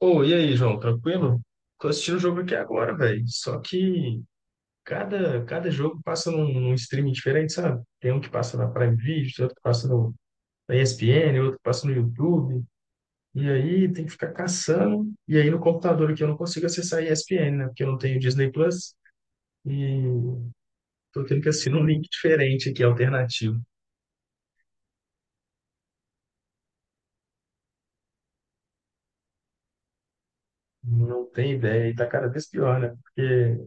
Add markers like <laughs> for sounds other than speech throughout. Ô, e aí, João, tranquilo? Tô assistindo o jogo aqui agora, velho. Só que cada jogo passa num streaming diferente, sabe? Tem um que passa na Prime Video, tem outro que passa no, na ESPN, outro que passa no YouTube. E aí tem que ficar caçando. E aí no computador aqui eu não consigo acessar a ESPN, né? Porque eu não tenho Disney Plus. E tô tendo que assinar um link diferente aqui, alternativo. Não tem ideia. E tá cada vez pior, né? Porque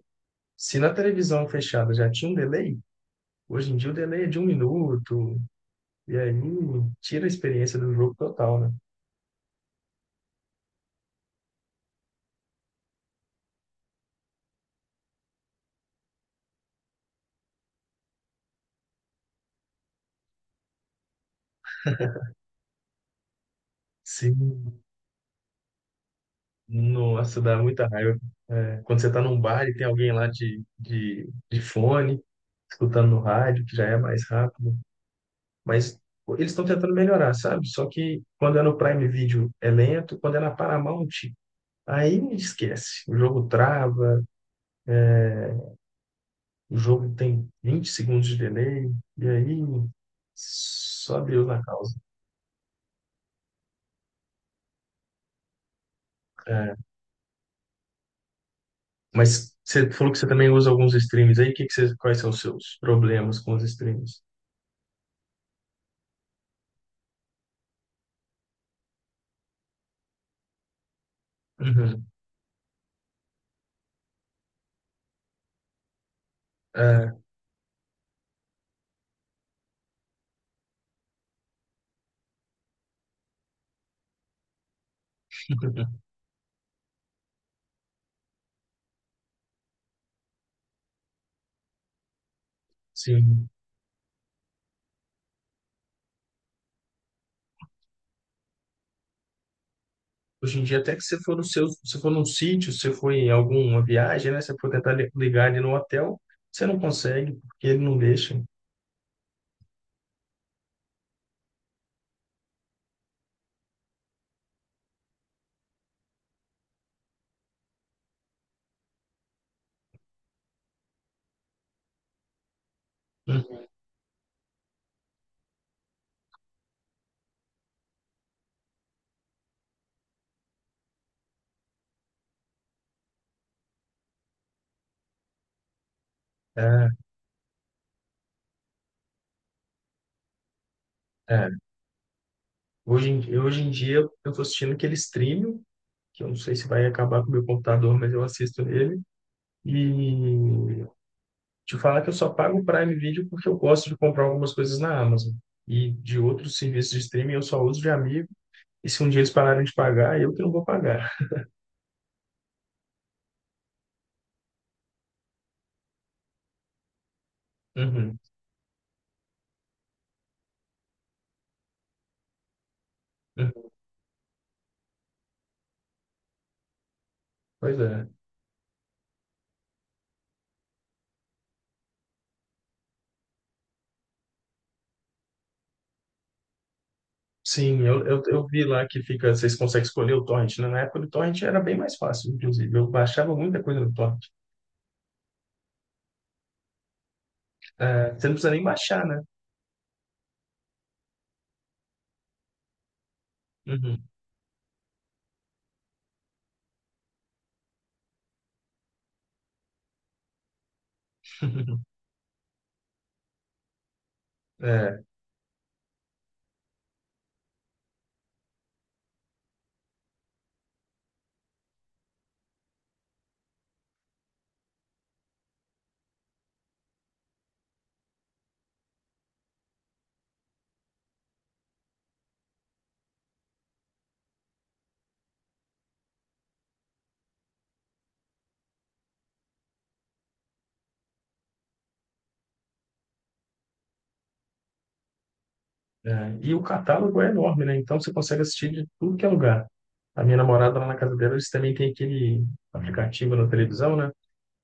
se na televisão fechada já tinha um delay, hoje em dia o delay é de 1 minuto. E aí tira a experiência do jogo total, né? Sim, nossa, dá muita raiva. É, quando você tá num bar e tem alguém lá de fone, escutando no rádio, que já é mais rápido. Mas eles estão tentando melhorar, sabe? Só que quando é no Prime Video é lento, quando é na Paramount, aí esquece. O jogo trava, o jogo tem 20 segundos de delay, e aí só Deus na causa. Mas você falou que você também usa alguns streams aí. Que você, quais são os seus problemas com os streams? Uhum. É, <laughs> sim. Hoje em dia, até que você for no seu, se for num sítio, se for em alguma viagem, né? Você for tentar li- ligar ele no hotel, você não consegue, porque ele não deixa. Uhum. É, é. Hoje em, hoje em dia, eu estou assistindo aquele stream, que eu não sei se vai acabar com o meu computador, mas eu assisto ele. E te falar que eu só pago o Prime Video porque eu gosto de comprar algumas coisas na Amazon. E de outros serviços de streaming eu só uso de amigo. E se um dia eles pararem de pagar, eu que não vou pagar. Uhum, uhum. Pois é. Sim, eu vi lá que fica, vocês conseguem escolher o torrent, né? Na época do torrent era bem mais fácil, inclusive. Eu baixava muita coisa no torrent. É, você não precisa nem baixar, né? Uhum. <laughs> É, é. E o catálogo é enorme, né? Então você consegue assistir de tudo que é lugar. A minha namorada lá na casa dela, eles também têm aquele aplicativo na televisão, né?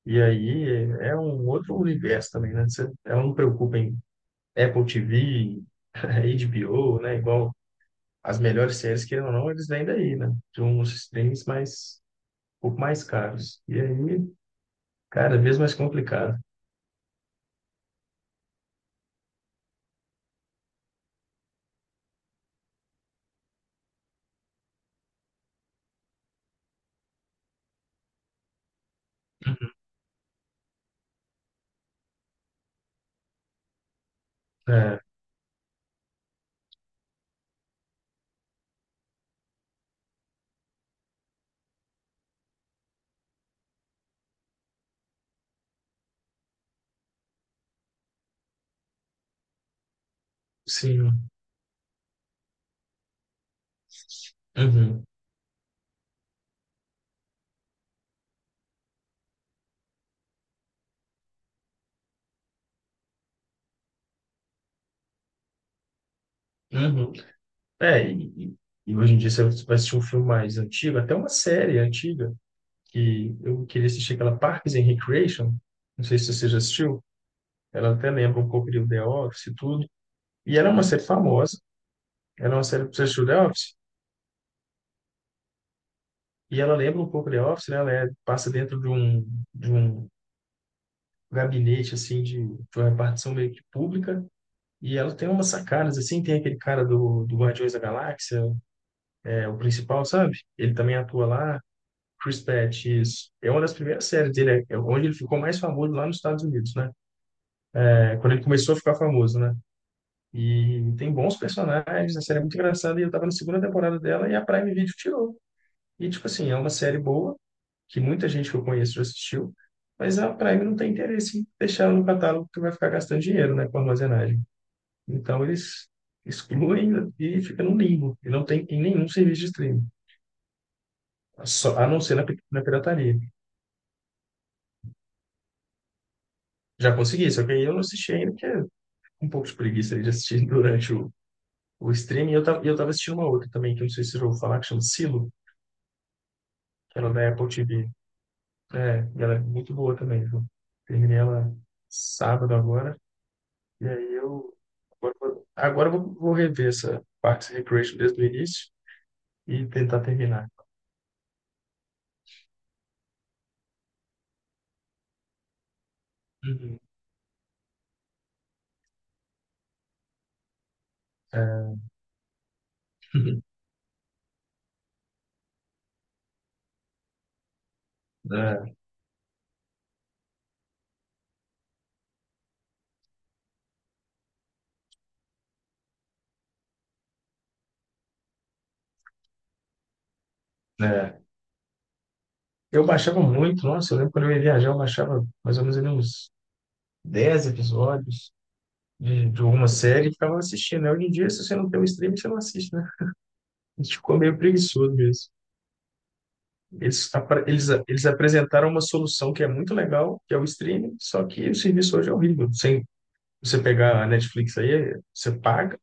E aí é um outro universo também, né? Você, ela não preocupa em Apple TV, HBO, <laughs> né? Igual as melhores séries, que ou não, eles vêm daí, né? De uns streams mais, um pouco mais caros. E aí, cada vez mais complicado. É, sim. Uhum, uhum. É, e hoje em dia você vai assistir um filme mais antigo, até uma série antiga, que eu queria assistir aquela Parks and Recreation, não sei se você já assistiu, ela até lembra um pouco de The Office e tudo. E ela é uma série famosa, ela é uma série que você assistiu The Office, e ela lembra um pouco The Office, né? Passa dentro de um gabinete, assim, de uma repartição meio que pública, e ela tem umas sacadas, assim, tem aquele cara do, do Guardiões da Galáxia, é o principal, sabe? Ele também atua lá, Chris Pratt, isso. É uma das primeiras séries dele, é é onde ele ficou mais famoso lá nos Estados Unidos, né? É, quando ele começou a ficar famoso, né? E tem bons personagens, a série é muito engraçada, e eu tava na segunda temporada dela e a Prime Video tirou. E, tipo assim, é uma série boa, que muita gente que eu conheço já assistiu, mas a Prime não tem interesse em deixar ela no catálogo porque vai ficar gastando dinheiro, né, com armazenagem. Então eles excluem e fica no limbo, e não tem em nenhum serviço de streaming, só, a não ser na, na pirataria. Já consegui, só que aí eu não assisti ainda, porque é um pouco de preguiça aí de assistir <laughs> durante o streaming. E eu tava assistindo uma outra também, que eu não sei se eu vou falar, que chama Silo, que ela é da Apple TV. É, e ela é muito boa também, viu? Terminei ela sábado agora. E aí eu agora, agora eu vou rever essa Parks and Recreation desde o início e tentar terminar. Uhum. É, <laughs> é. É. Eu baixava muito, nossa, eu lembro quando eu ia viajar, eu baixava mais ou menos ali uns 10 episódios de uma série e ficava assistindo, né? Hoje em dia, se você não tem um streaming, você não assiste, né? A gente ficou meio preguiçoso mesmo. Eles, eles, eles apresentaram uma solução que é muito legal, que é o streaming, só que o serviço hoje é horrível. Sem você pegar a Netflix aí, você paga,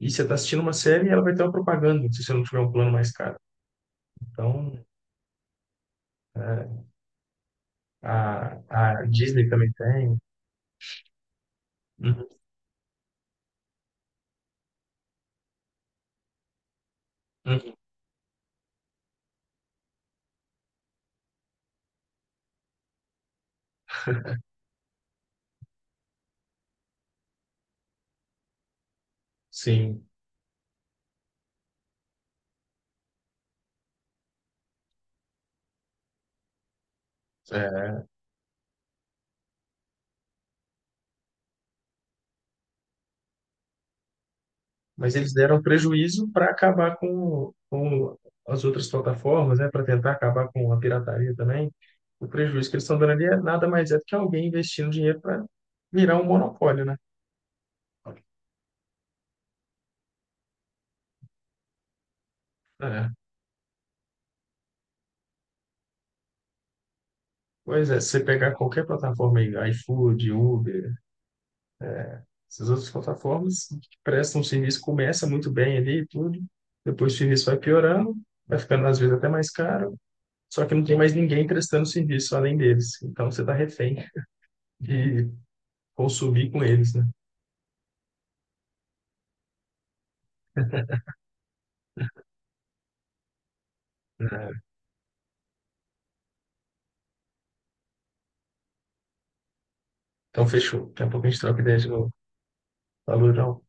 e você está assistindo uma série e ela vai ter uma propaganda, se você não tiver um plano mais caro. Então, é, a, a Disney também tem. Uhum, uhum, sim. É. Mas eles deram prejuízo para acabar com as outras plataformas, né? Para tentar acabar com a pirataria também. O prejuízo que eles estão dando ali é nada mais é do que alguém investindo dinheiro para virar um monopólio, né? É, pois é, se você pegar qualquer plataforma aí, iFood, Uber, essas outras plataformas que prestam um serviço, começa muito bem ali e tudo, depois o serviço vai piorando, vai ficando às vezes até mais caro, só que não tem mais ninguém prestando serviço além deles. Então você está refém de consumir com eles, né? É, então fechou. Daqui a pouco a gente troca ideia de novo. Valeu, João.